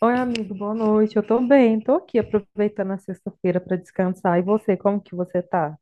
Oi, amigo, boa noite. Eu tô bem, tô aqui aproveitando a sexta-feira para descansar. E você, como que você tá?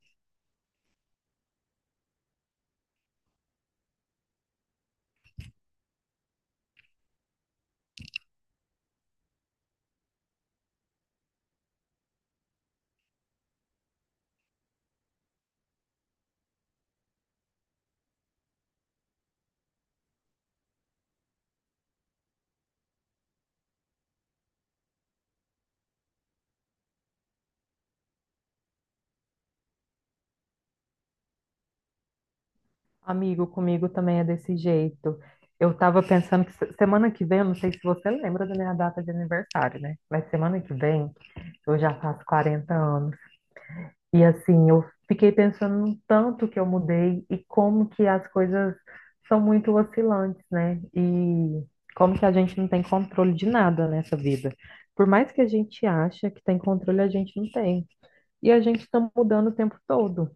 Amigo, comigo também é desse jeito. Eu tava pensando que semana que vem, eu não sei se você lembra da minha data de aniversário, né? Mas semana que vem eu já faço 40 anos. E assim, eu fiquei pensando no tanto que eu mudei e como que as coisas são muito oscilantes, né? E como que a gente não tem controle de nada nessa vida. Por mais que a gente ache que tem controle, a gente não tem. E a gente está mudando o tempo todo.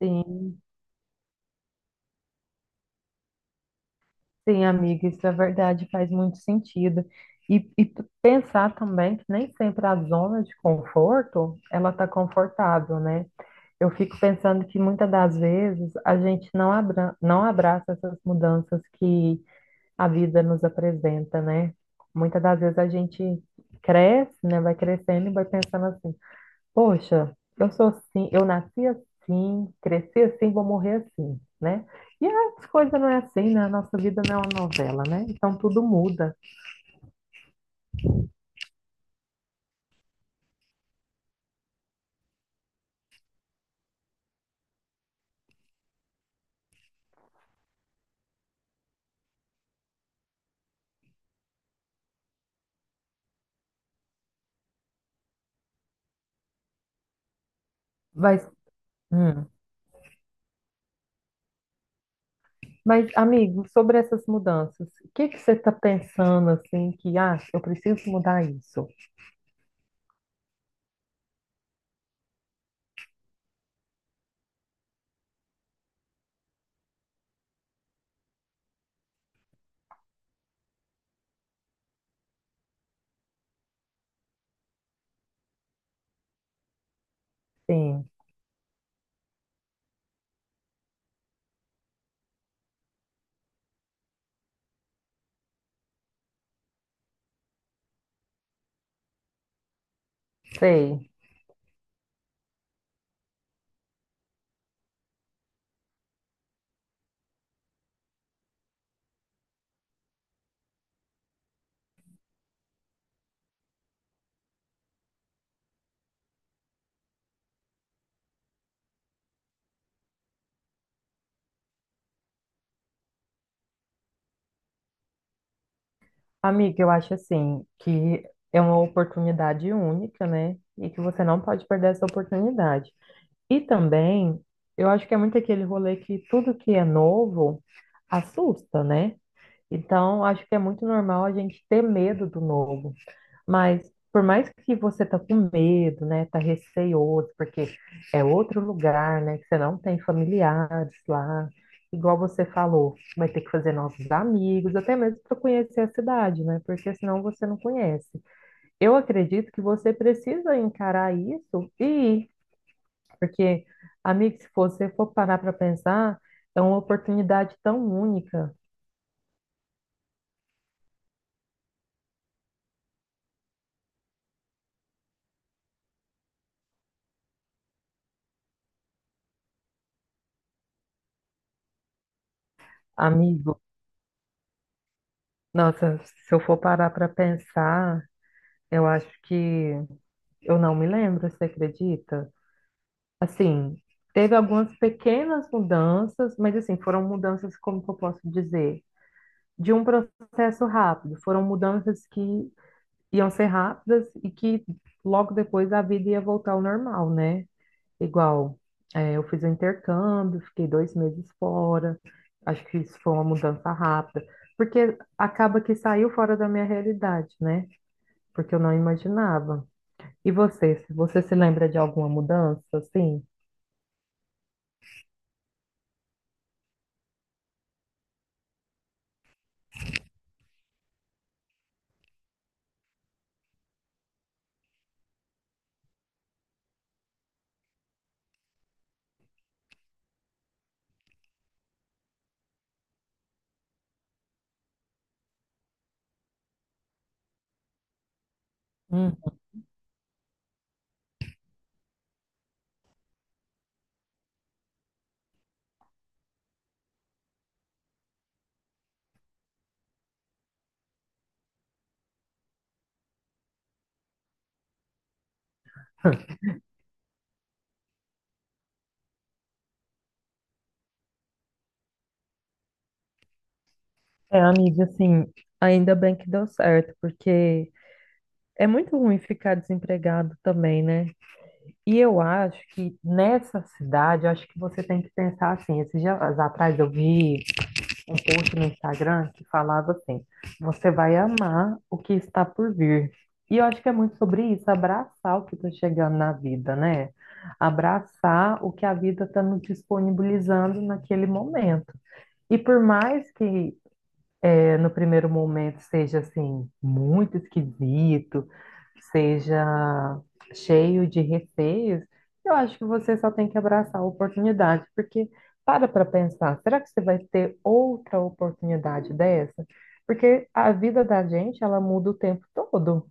Sim, sim, amiga, isso é verdade, faz muito sentido. E, tu pensar também que nem sempre a zona de conforto, ela está confortável, né? Eu fico pensando que muitas das vezes a gente não abraça essas mudanças que a vida nos apresenta, né? Muitas das vezes a gente cresce, né? Vai crescendo e vai pensando assim: poxa, eu sou assim, eu nasci assim, cresci assim, vou morrer assim, né? E as coisas não é assim, né? A nossa vida não é uma novela, né? Então tudo muda. Mas, hum, mas amigo, sobre essas mudanças, o que que você está pensando assim que, ah, eu preciso mudar isso? Sim, sei. Amigo, eu acho assim que é uma oportunidade única, né? E que você não pode perder essa oportunidade. E também, eu acho que é muito aquele rolê que tudo que é novo assusta, né? Então, acho que é muito normal a gente ter medo do novo. Mas, por mais que você tá com medo, né? Tá receioso, porque é outro lugar, né? Que você não tem familiares lá. Igual você falou, vai ter que fazer novos amigos, até mesmo para conhecer a cidade, né? Porque senão você não conhece. Eu acredito que você precisa encarar isso e ir porque, amigo, se você for parar para pensar, é uma oportunidade tão única, amigo. Nossa, se eu for parar para pensar, eu acho que eu não me lembro, você acredita? Assim, teve algumas pequenas mudanças, mas assim, foram mudanças, como que eu posso dizer? De um processo rápido, foram mudanças que iam ser rápidas e que logo depois a vida ia voltar ao normal, né? Igual, é, eu fiz o intercâmbio, fiquei 2 meses fora. Acho que isso foi uma mudança rápida, porque acaba que saiu fora da minha realidade, né? Porque eu não imaginava. E você se lembra de alguma mudança, assim? Hum. É, amiga, assim, ainda bem que deu certo, porque é muito ruim ficar desempregado também, né? E eu acho que nessa cidade, eu acho que você tem que pensar assim. Esses dias atrás eu vi um post no Instagram que falava assim: você vai amar o que está por vir. E eu acho que é muito sobre isso, abraçar o que está chegando na vida, né? Abraçar o que a vida está nos disponibilizando naquele momento. E por mais que é, no primeiro momento seja assim muito esquisito, seja cheio de receios, eu acho que você só tem que abraçar a oportunidade, porque para pensar, será que você vai ter outra oportunidade dessa? Porque a vida da gente, ela muda o tempo todo.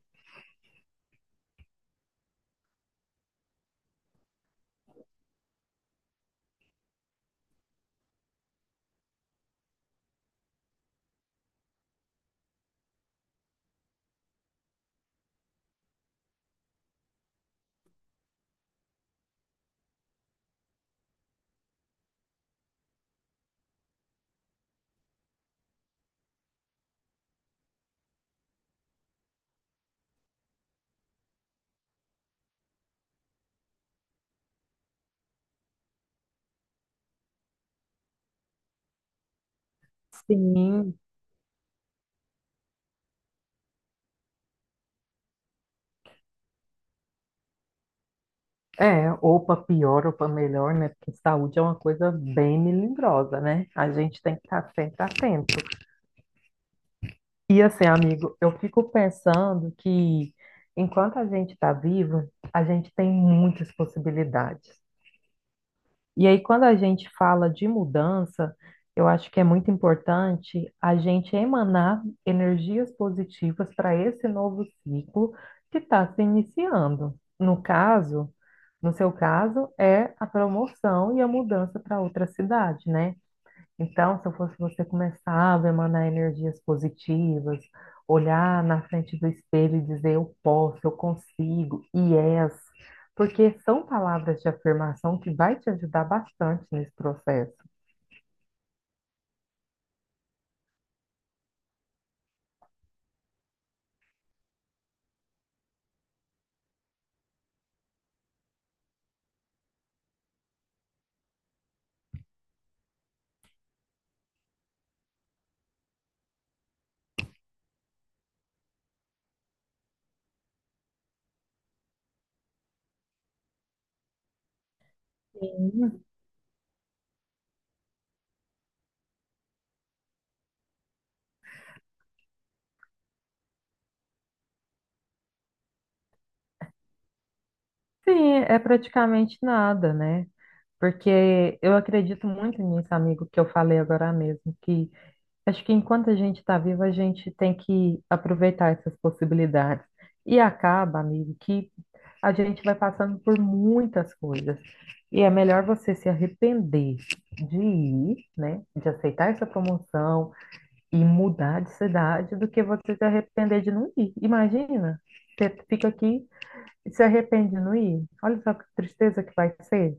Sim, é, ou para pior ou para melhor, né? Porque saúde é uma coisa bem melindrosa, né? A gente tem que estar sempre atento. E assim, amigo, eu fico pensando que enquanto a gente está vivo, a gente tem muitas possibilidades. E aí, quando a gente fala de mudança, eu acho que é muito importante a gente emanar energias positivas para esse novo ciclo que está se iniciando. No caso, no seu caso, é a promoção e a mudança para outra cidade, né? Então, se eu fosse você, começava a emanar energias positivas, olhar na frente do espelho e dizer eu posso, eu consigo, yes, porque são palavras de afirmação que vai te ajudar bastante nesse processo. Sim, sim, é praticamente nada, né? Porque eu acredito muito nisso, amigo, que eu falei agora mesmo, que acho que enquanto a gente está vivo, a gente tem que aproveitar essas possibilidades. E acaba, amigo, que a gente vai passando por muitas coisas. E é melhor você se arrepender de ir, né, de aceitar essa promoção e mudar de cidade do que você se arrepender de não ir. Imagina, você fica aqui e se arrepende de não ir. Olha só que tristeza que vai ser.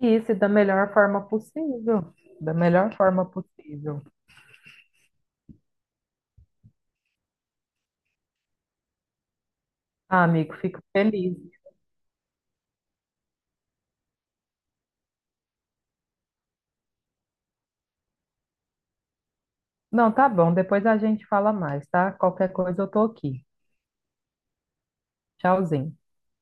E isso da melhor forma possível, da melhor forma possível. Ah, amigo, fico feliz. Não, tá bom. Depois a gente fala mais, tá? Qualquer coisa eu tô aqui. Tchauzinho.